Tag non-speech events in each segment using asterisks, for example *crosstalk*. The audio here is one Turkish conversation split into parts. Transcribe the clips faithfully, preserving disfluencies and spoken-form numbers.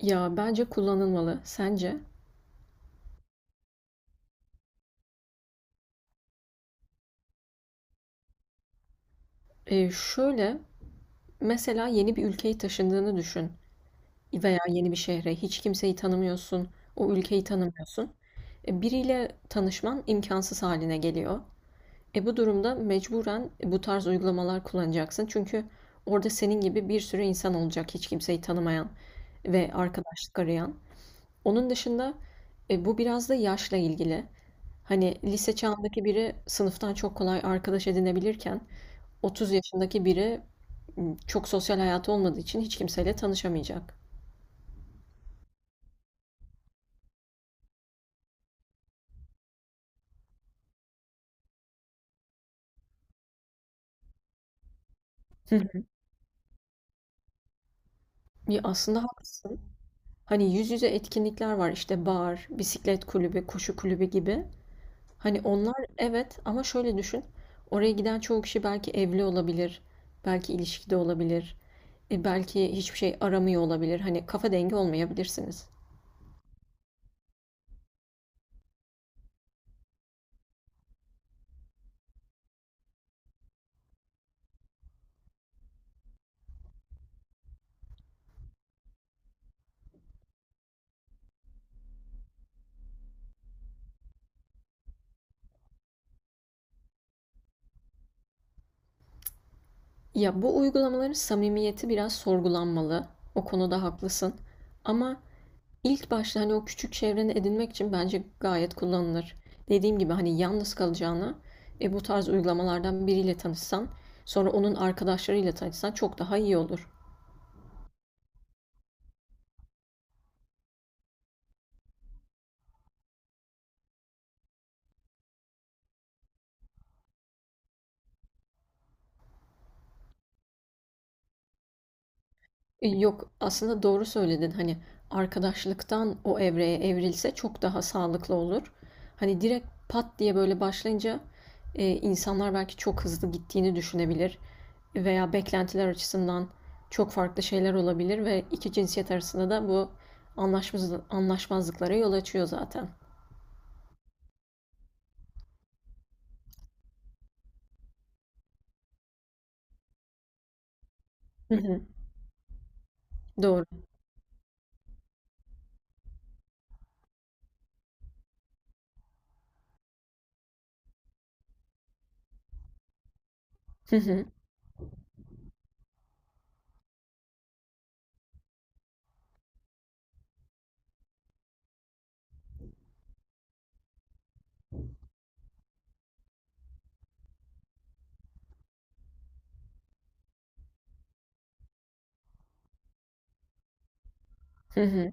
Ya bence kullanılmalı. Sence? Ee, şöyle, mesela yeni bir ülkeye taşındığını düşün veya yeni bir şehre. Hiç kimseyi tanımıyorsun, o ülkeyi tanımıyorsun. E, biriyle tanışman imkansız haline geliyor. E, bu durumda mecburen bu tarz uygulamalar kullanacaksın. Çünkü orada senin gibi bir sürü insan olacak hiç kimseyi tanımayan ve arkadaşlık arayan. Onun dışında e, bu biraz da yaşla ilgili. Hani lise çağındaki biri sınıftan çok kolay arkadaş edinebilirken otuz yaşındaki biri m, çok sosyal hayatı olmadığı için hiç kimseyle tanışamayacak. Hı. Ya aslında haklısın. Hani yüz yüze etkinlikler var işte bar, bisiklet kulübü, koşu kulübü gibi. Hani onlar evet ama şöyle düşün. Oraya giden çoğu kişi belki evli olabilir, belki ilişkide olabilir, e, belki hiçbir şey aramıyor olabilir. Hani kafa dengi olmayabilirsiniz. Ya bu uygulamaların samimiyeti biraz sorgulanmalı. O konuda haklısın. Ama İlk başta hani o küçük çevreni edinmek için bence gayet kullanılır. Dediğim gibi hani yalnız kalacağına e, bu tarz uygulamalardan biriyle tanışsan, sonra onun arkadaşlarıyla tanışsan çok daha iyi olur. E, Yok aslında doğru söyledin hani arkadaşlıktan o evreye evrilse çok daha sağlıklı olur. Hani direkt pat diye böyle başlayınca e, insanlar belki çok hızlı gittiğini düşünebilir veya beklentiler açısından çok farklı şeyler olabilir ve iki cinsiyet arasında da bu anlaşmaz, anlaşmazlıklara yol açıyor zaten. Hı hı, doğru. Hı hı, hı hı.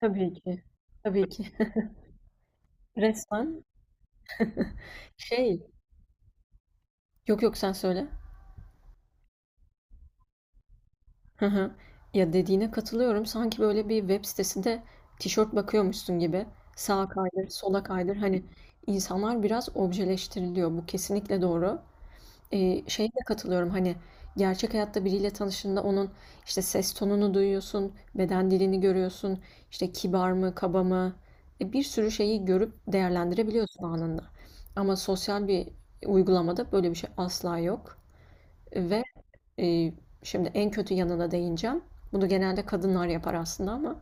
Tabii ki. Tabii ki. *laughs* Resmen şey. Yok yok sen söyle. Hı hı. Ya, dediğine katılıyorum. Sanki böyle bir web sitesinde tişört bakıyormuşsun gibi. Sağa kaydır, sola kaydır. Hani insanlar biraz objeleştiriliyor. Bu kesinlikle doğru. Ee, şeye de katılıyorum. Hani gerçek hayatta biriyle tanıştığında onun işte ses tonunu duyuyorsun, beden dilini görüyorsun, işte kibar mı, kaba mı, E, bir sürü şeyi görüp değerlendirebiliyorsun anında. Ama sosyal bir uygulamada böyle bir şey asla yok. Ve e, şimdi en kötü yanına değineceğim. Bunu genelde kadınlar yapar aslında ama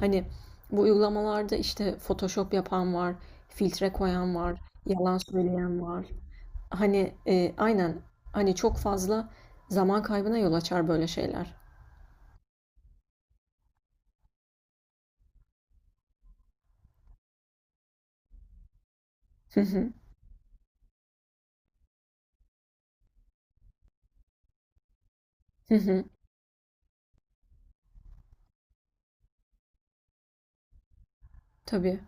hani bu uygulamalarda işte Photoshop yapan var, filtre koyan var, yalan söyleyen var. Hani e, aynen hani çok fazla zaman kaybına yol açar böyle şeyler. Hı hı. Hı hı. Tabii.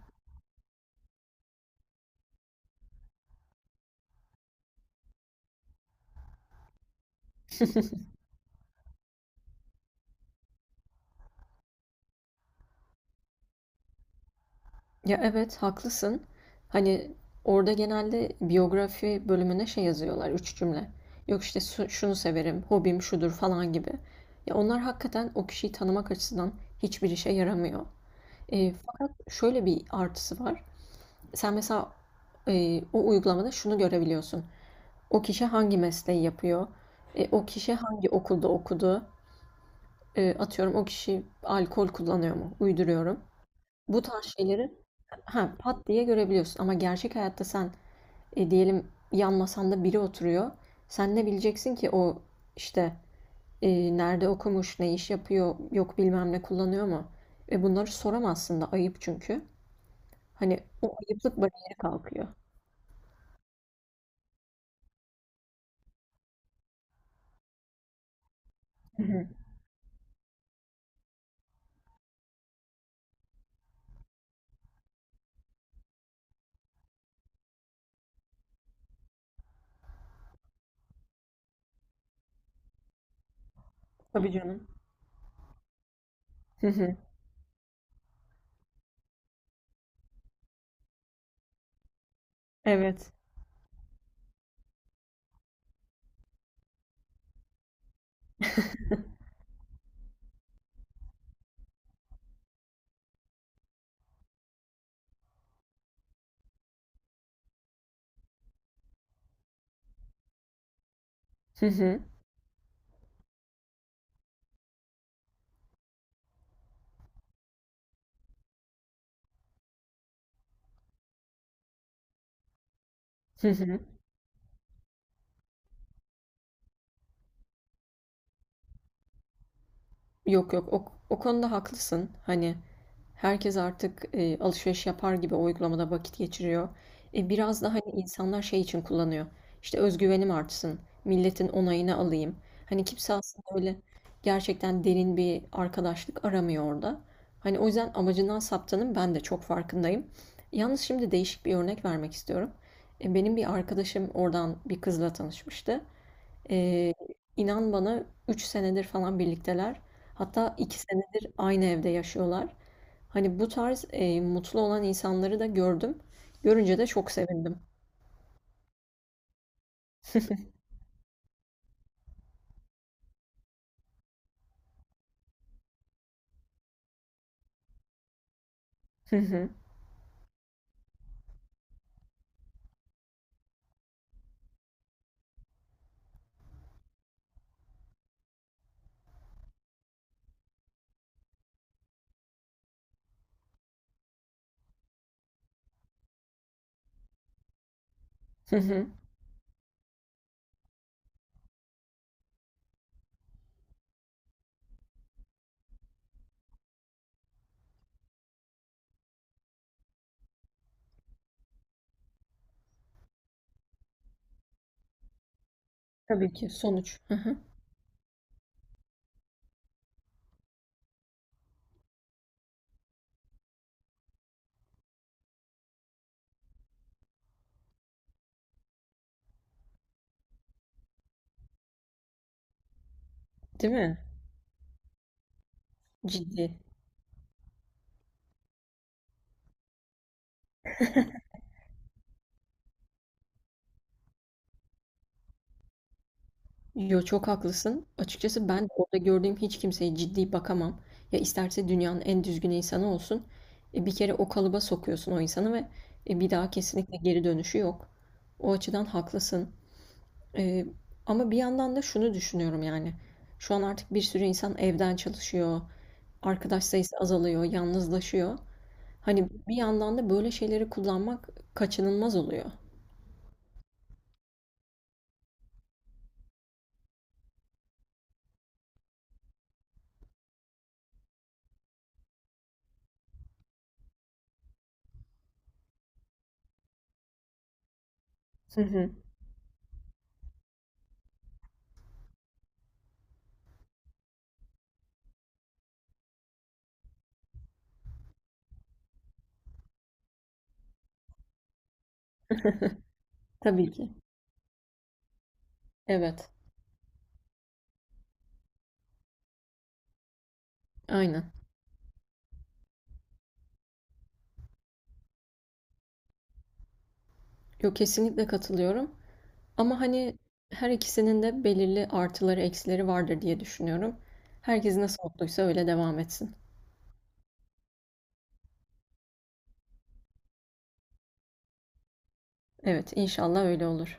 Ya evet haklısın. Hani orada genelde biyografi bölümüne şey yazıyorlar üç cümle. Yok işte su- şunu severim, hobim şudur falan gibi. Ya onlar hakikaten o kişiyi tanımak açısından hiçbir işe yaramıyor. E, fakat şöyle bir artısı var. Sen mesela e, o uygulamada şunu görebiliyorsun. O kişi hangi mesleği yapıyor? E, o kişi hangi okulda okudu? E, atıyorum, o kişi alkol kullanıyor mu? Uyduruyorum. Bu tarz şeyleri ha, pat diye görebiliyorsun. Ama gerçek hayatta sen e, diyelim yan masanda biri oturuyor. Sen ne bileceksin ki o işte e, nerede okumuş, ne iş yapıyor, yok bilmem ne kullanıyor mu? Ve bunları soramazsın da ayıp çünkü. Hani o ayıplık bariyeri kalkıyor. Tabii canım. Hı hı. Evet. Hı hı. Hı hı. Yok yok o, o konuda haklısın. Hani herkes artık e, alışveriş yapar gibi o uygulamada vakit geçiriyor. E, biraz da hani insanlar şey için kullanıyor. İşte özgüvenim artsın, milletin onayını alayım. Hani kimse aslında öyle gerçekten derin bir arkadaşlık aramıyor orada. Hani o yüzden amacından saptanın ben de çok farkındayım. Yalnız şimdi değişik bir örnek vermek istiyorum. E, benim bir arkadaşım oradan bir kızla tanışmıştı. Ee, inan bana üç senedir falan birlikteler. Hatta iki senedir aynı evde yaşıyorlar. Hani bu tarz e, mutlu olan insanları da gördüm. Görünce de çok sevindim. Hı hı. Hı hı. Tabii ki sonuç. Hı hı. Değil mi? Ciddi. Yo çok haklısın. Açıkçası ben orada gördüğüm hiç kimseye ciddi bakamam. Ya isterse dünyanın en düzgün insanı olsun. E, bir kere o kalıba sokuyorsun o insanı ve e, bir daha kesinlikle geri dönüşü yok. O açıdan haklısın. Eee, Ama bir yandan da şunu düşünüyorum yani. Şu an artık bir sürü insan evden çalışıyor. Arkadaş sayısı azalıyor, yalnızlaşıyor. Hani bir yandan da böyle şeyleri kullanmak kaçınılmaz oluyor. Hı hı. Tabii ki. Evet, aynen. Yok kesinlikle katılıyorum. Ama hani her ikisinin de belirli artıları eksileri vardır diye düşünüyorum. Herkes nasıl mutluysa öyle devam etsin. Evet, inşallah öyle olur.